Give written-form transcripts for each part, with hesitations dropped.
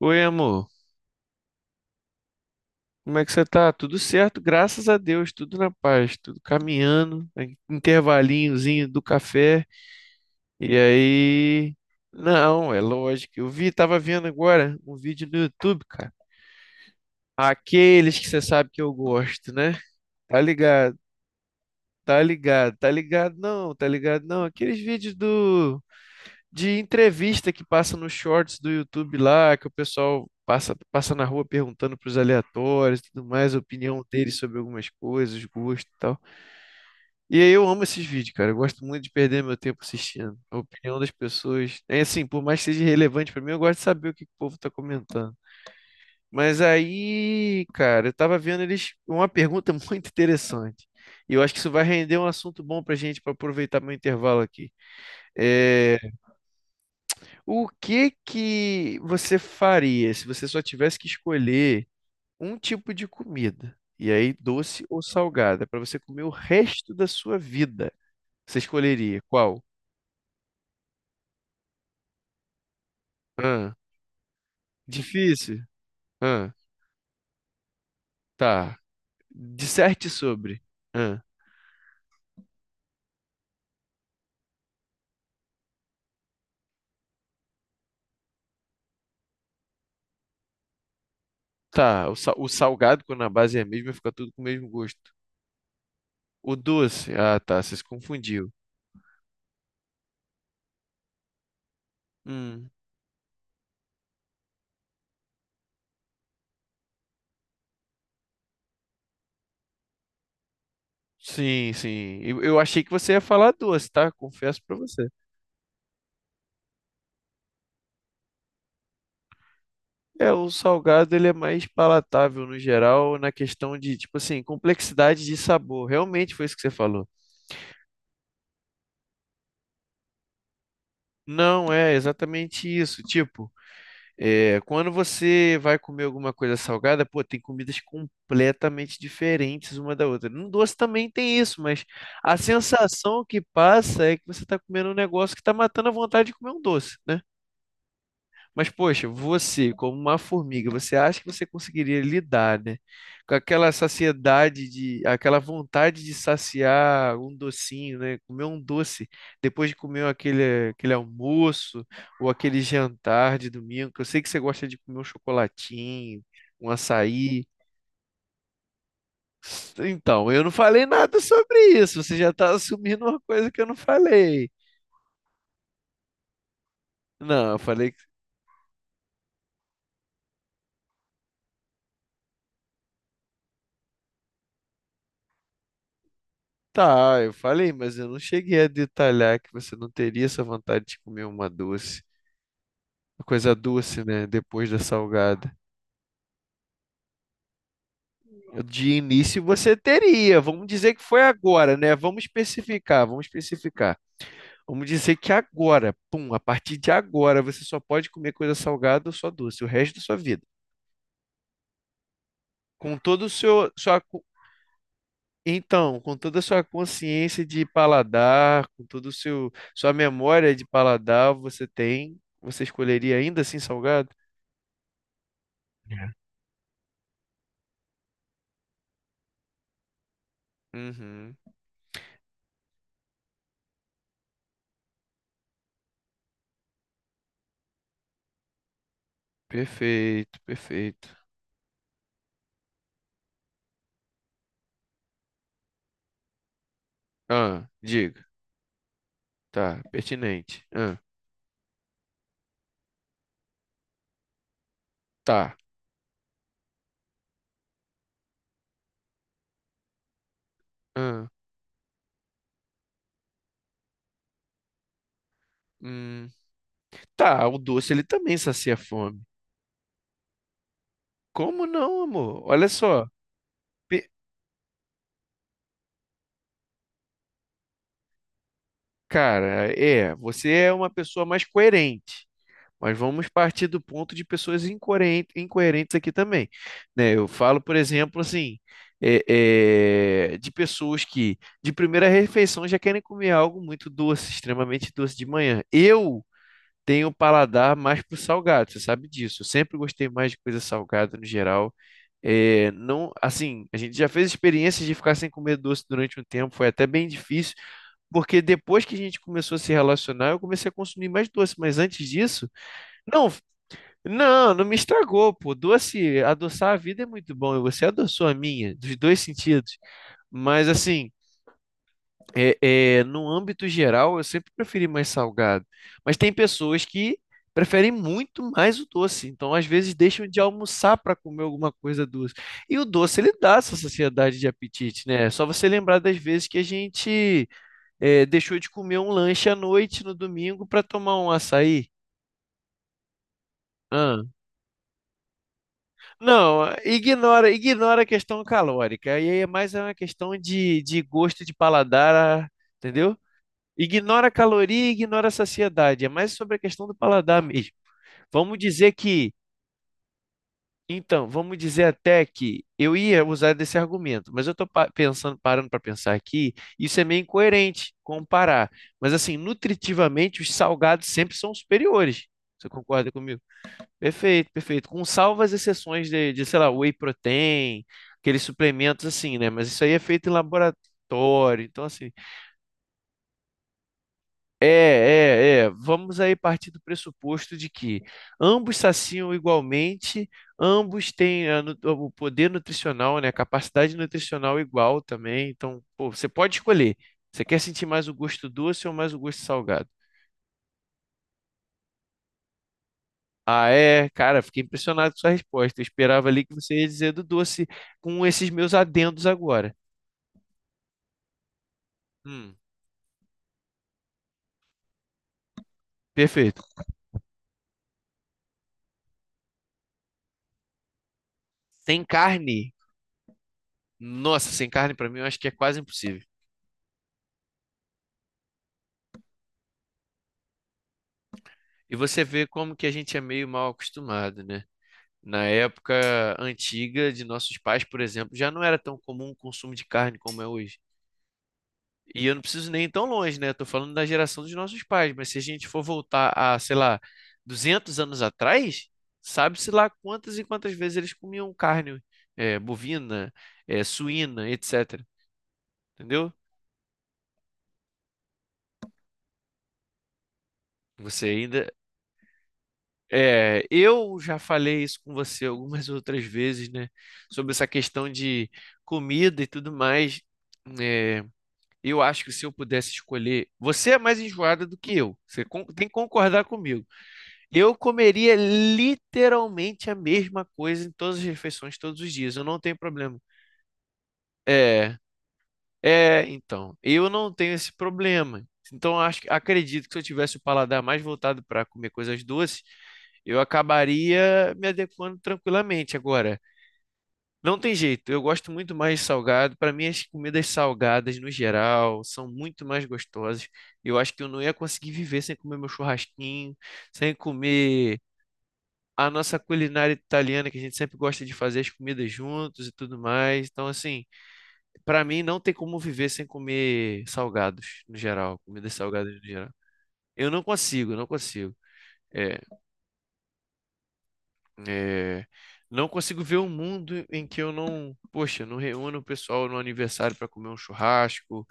Oi, amor. Como é que você tá? Tudo certo, graças a Deus, tudo na paz, tudo caminhando, né, intervalinhozinho do café. E aí, não, é lógico. Eu vi, tava vendo agora um vídeo no YouTube, cara. Aqueles que você sabe que eu gosto, né? Tá ligado, tá ligado, tá ligado, não, tá ligado, não. Aqueles vídeos do de entrevista que passa nos shorts do YouTube lá, que o pessoal passa, passa na rua perguntando pros aleatórios e tudo mais, a opinião deles sobre algumas coisas, gosto e tal. E aí eu amo esses vídeos, cara. Eu gosto muito de perder meu tempo assistindo a opinião das pessoas. É assim, por mais que seja relevante pra mim, eu gosto de saber o que que o povo tá comentando. Mas aí, cara, eu tava vendo eles uma pergunta muito interessante. E eu acho que isso vai render um assunto bom pra gente para aproveitar meu intervalo aqui. É, o que que você faria se você só tivesse que escolher um tipo de comida? E aí, doce ou salgada, para você comer o resto da sua vida? Você escolheria qual? Ah, difícil? Ah, tá. Disserte sobre. Ah, tá. O, o salgado, quando a base é a mesma, fica tudo com o mesmo gosto. O doce? Ah, tá. Você se confundiu. Hum. Sim, sim. Eu achei que você ia falar doce, tá? Confesso para você. É, o salgado ele é mais palatável no geral, na questão de, tipo assim, complexidade de sabor. Realmente foi isso que você falou. Não é exatamente isso. Tipo, é, quando você vai comer alguma coisa salgada, pô, tem comidas completamente diferentes uma da outra. No doce também tem isso, mas a sensação que passa é que você está comendo um negócio que está matando a vontade de comer um doce, né? Mas, poxa, você, como uma formiga, você acha que você conseguiria lidar, né? Com aquela saciedade de, aquela vontade de saciar um docinho, né? Comer um doce depois de comer aquele almoço ou aquele jantar de domingo, que eu sei que você gosta de comer um chocolatinho, um açaí. Então, eu não falei nada sobre isso. Você já está assumindo uma coisa que eu não falei. Não, eu falei. Tá, eu falei, mas eu não cheguei a detalhar que você não teria essa vontade de comer uma doce, uma coisa doce, né? Depois da salgada. De início você teria, vamos dizer que foi agora, né? Vamos especificar, vamos especificar. Vamos dizer que agora, pum, a partir de agora você só pode comer coisa salgada ou só doce, o resto da sua vida. Com todo o seu, sua, então, com toda a sua consciência de paladar, com todo o seu sua memória de paladar, você tem, você escolheria ainda assim salgado? É. Uhum. Perfeito, perfeito. Ah, diga. Tá, pertinente. Ah, tá. Ah, hum. Tá, o doce ele também sacia a fome. Como não, amor? Olha só. Pe- Cara, é, você é uma pessoa mais coerente. Mas vamos partir do ponto de pessoas incoerentes aqui também, né? Eu falo, por exemplo, assim, de pessoas que de primeira refeição já querem comer algo muito doce, extremamente doce de manhã. Eu tenho um paladar mais pro salgado, você sabe disso. Eu sempre gostei mais de coisa salgada no geral. É, não, assim, a gente já fez experiências de ficar sem comer doce durante um tempo, foi até bem difícil, porque depois que a gente começou a se relacionar, eu comecei a consumir mais doce, mas antes disso, não, não, não me estragou, pô. Doce, adoçar a vida é muito bom. E você adoçou a minha, dos dois sentidos. Mas assim, é, no âmbito geral, eu sempre preferi mais salgado. Mas tem pessoas que preferem muito mais o doce. Então, às vezes, deixam de almoçar para comer alguma coisa doce. E o doce, ele dá essa saciedade de apetite, né? É só você lembrar das vezes que a gente é, deixou de comer um lanche à noite no domingo para tomar um açaí. Não, ignora, ignora a questão calórica. E aí é mais uma questão de gosto de paladar, entendeu? Ignora a caloria, e ignora a saciedade. É mais sobre a questão do paladar mesmo. Vamos dizer que, então, vamos dizer até que eu ia usar desse argumento, mas eu estou pensando, parando para pensar aqui, isso é meio incoerente comparar. Mas assim, nutritivamente, os salgados sempre são superiores. Você concorda comigo? Perfeito, perfeito. Com salvas exceções de, sei lá, whey protein, aqueles suplementos assim, né? Mas isso aí é feito em laboratório. Então, assim, Vamos aí partir do pressuposto de que ambos saciam igualmente, ambos têm o poder nutricional, né? A capacidade nutricional igual também. Então, pô, você pode escolher. Você quer sentir mais o gosto doce ou mais o gosto salgado? Ah, é? Cara, fiquei impressionado com sua resposta. Eu esperava ali que você ia dizer do doce com esses meus adendos agora. Hum, perfeito. Sem carne? Nossa, sem carne pra mim eu acho que é quase impossível. E você vê como que a gente é meio mal acostumado, né? Na época antiga de nossos pais, por exemplo, já não era tão comum o consumo de carne como é hoje. E eu não preciso nem ir tão longe, né? Eu tô falando da geração dos nossos pais, mas se a gente for voltar a, sei lá, 200 anos atrás, sabe-se lá quantas e quantas vezes eles comiam carne, bovina, suína, etc. Entendeu? Você ainda. É, eu já falei isso com você algumas outras vezes, né? Sobre essa questão de comida e tudo mais. É, eu acho que se eu pudesse escolher. Você é mais enjoada do que eu. Tem que concordar comigo. Eu comeria literalmente a mesma coisa em todas as refeições, todos os dias. Eu não tenho problema. É, então, eu não tenho esse problema. Então, acredito que se eu tivesse o paladar mais voltado para comer coisas doces, eu acabaria me adequando tranquilamente. Agora, não tem jeito. Eu gosto muito mais de salgado. Para mim, as comidas salgadas, no geral, são muito mais gostosas. Eu acho que eu não ia conseguir viver sem comer meu churrasquinho, sem comer a nossa culinária italiana, que a gente sempre gosta de fazer as comidas juntos e tudo mais. Então, assim, pra mim não tem como viver sem comer salgados, no geral, comidas salgadas no geral. Eu não consigo, não consigo. É, é, não consigo ver um mundo em que eu não, poxa, não reúno o pessoal no aniversário para comer um churrasco,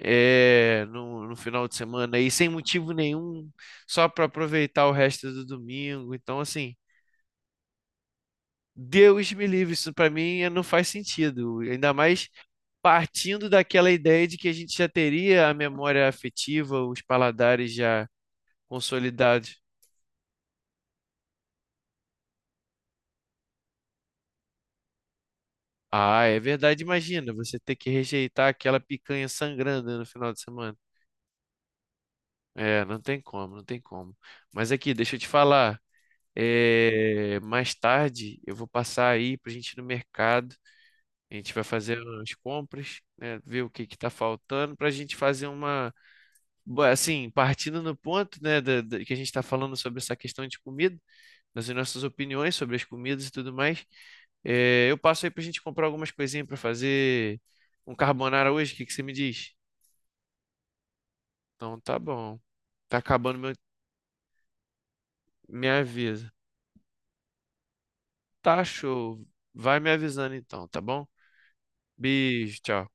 é, no final de semana, e sem motivo nenhum, só para aproveitar o resto do domingo. Então, assim, Deus me livre, isso para mim não faz sentido. Ainda mais partindo daquela ideia de que a gente já teria a memória afetiva, os paladares já consolidados. Ah, é verdade, imagina, você ter que rejeitar aquela picanha sangrando no final de semana. É, não tem como, não tem como. Mas aqui, deixa eu te falar. É, mais tarde eu vou passar aí pra gente ir no mercado. A gente vai fazer as compras, né? Ver o que que tá faltando pra gente fazer uma assim, partindo no ponto, né, que a gente está falando sobre essa questão de comida, das nossas opiniões sobre as comidas e tudo mais, é, eu passo aí para a gente comprar algumas coisinhas para fazer um carbonara hoje, o que que você me diz? Então, tá bom. Tá acabando meu, me avisa. Tá show. Vai me avisando então, tá bom? Beijo, tchau.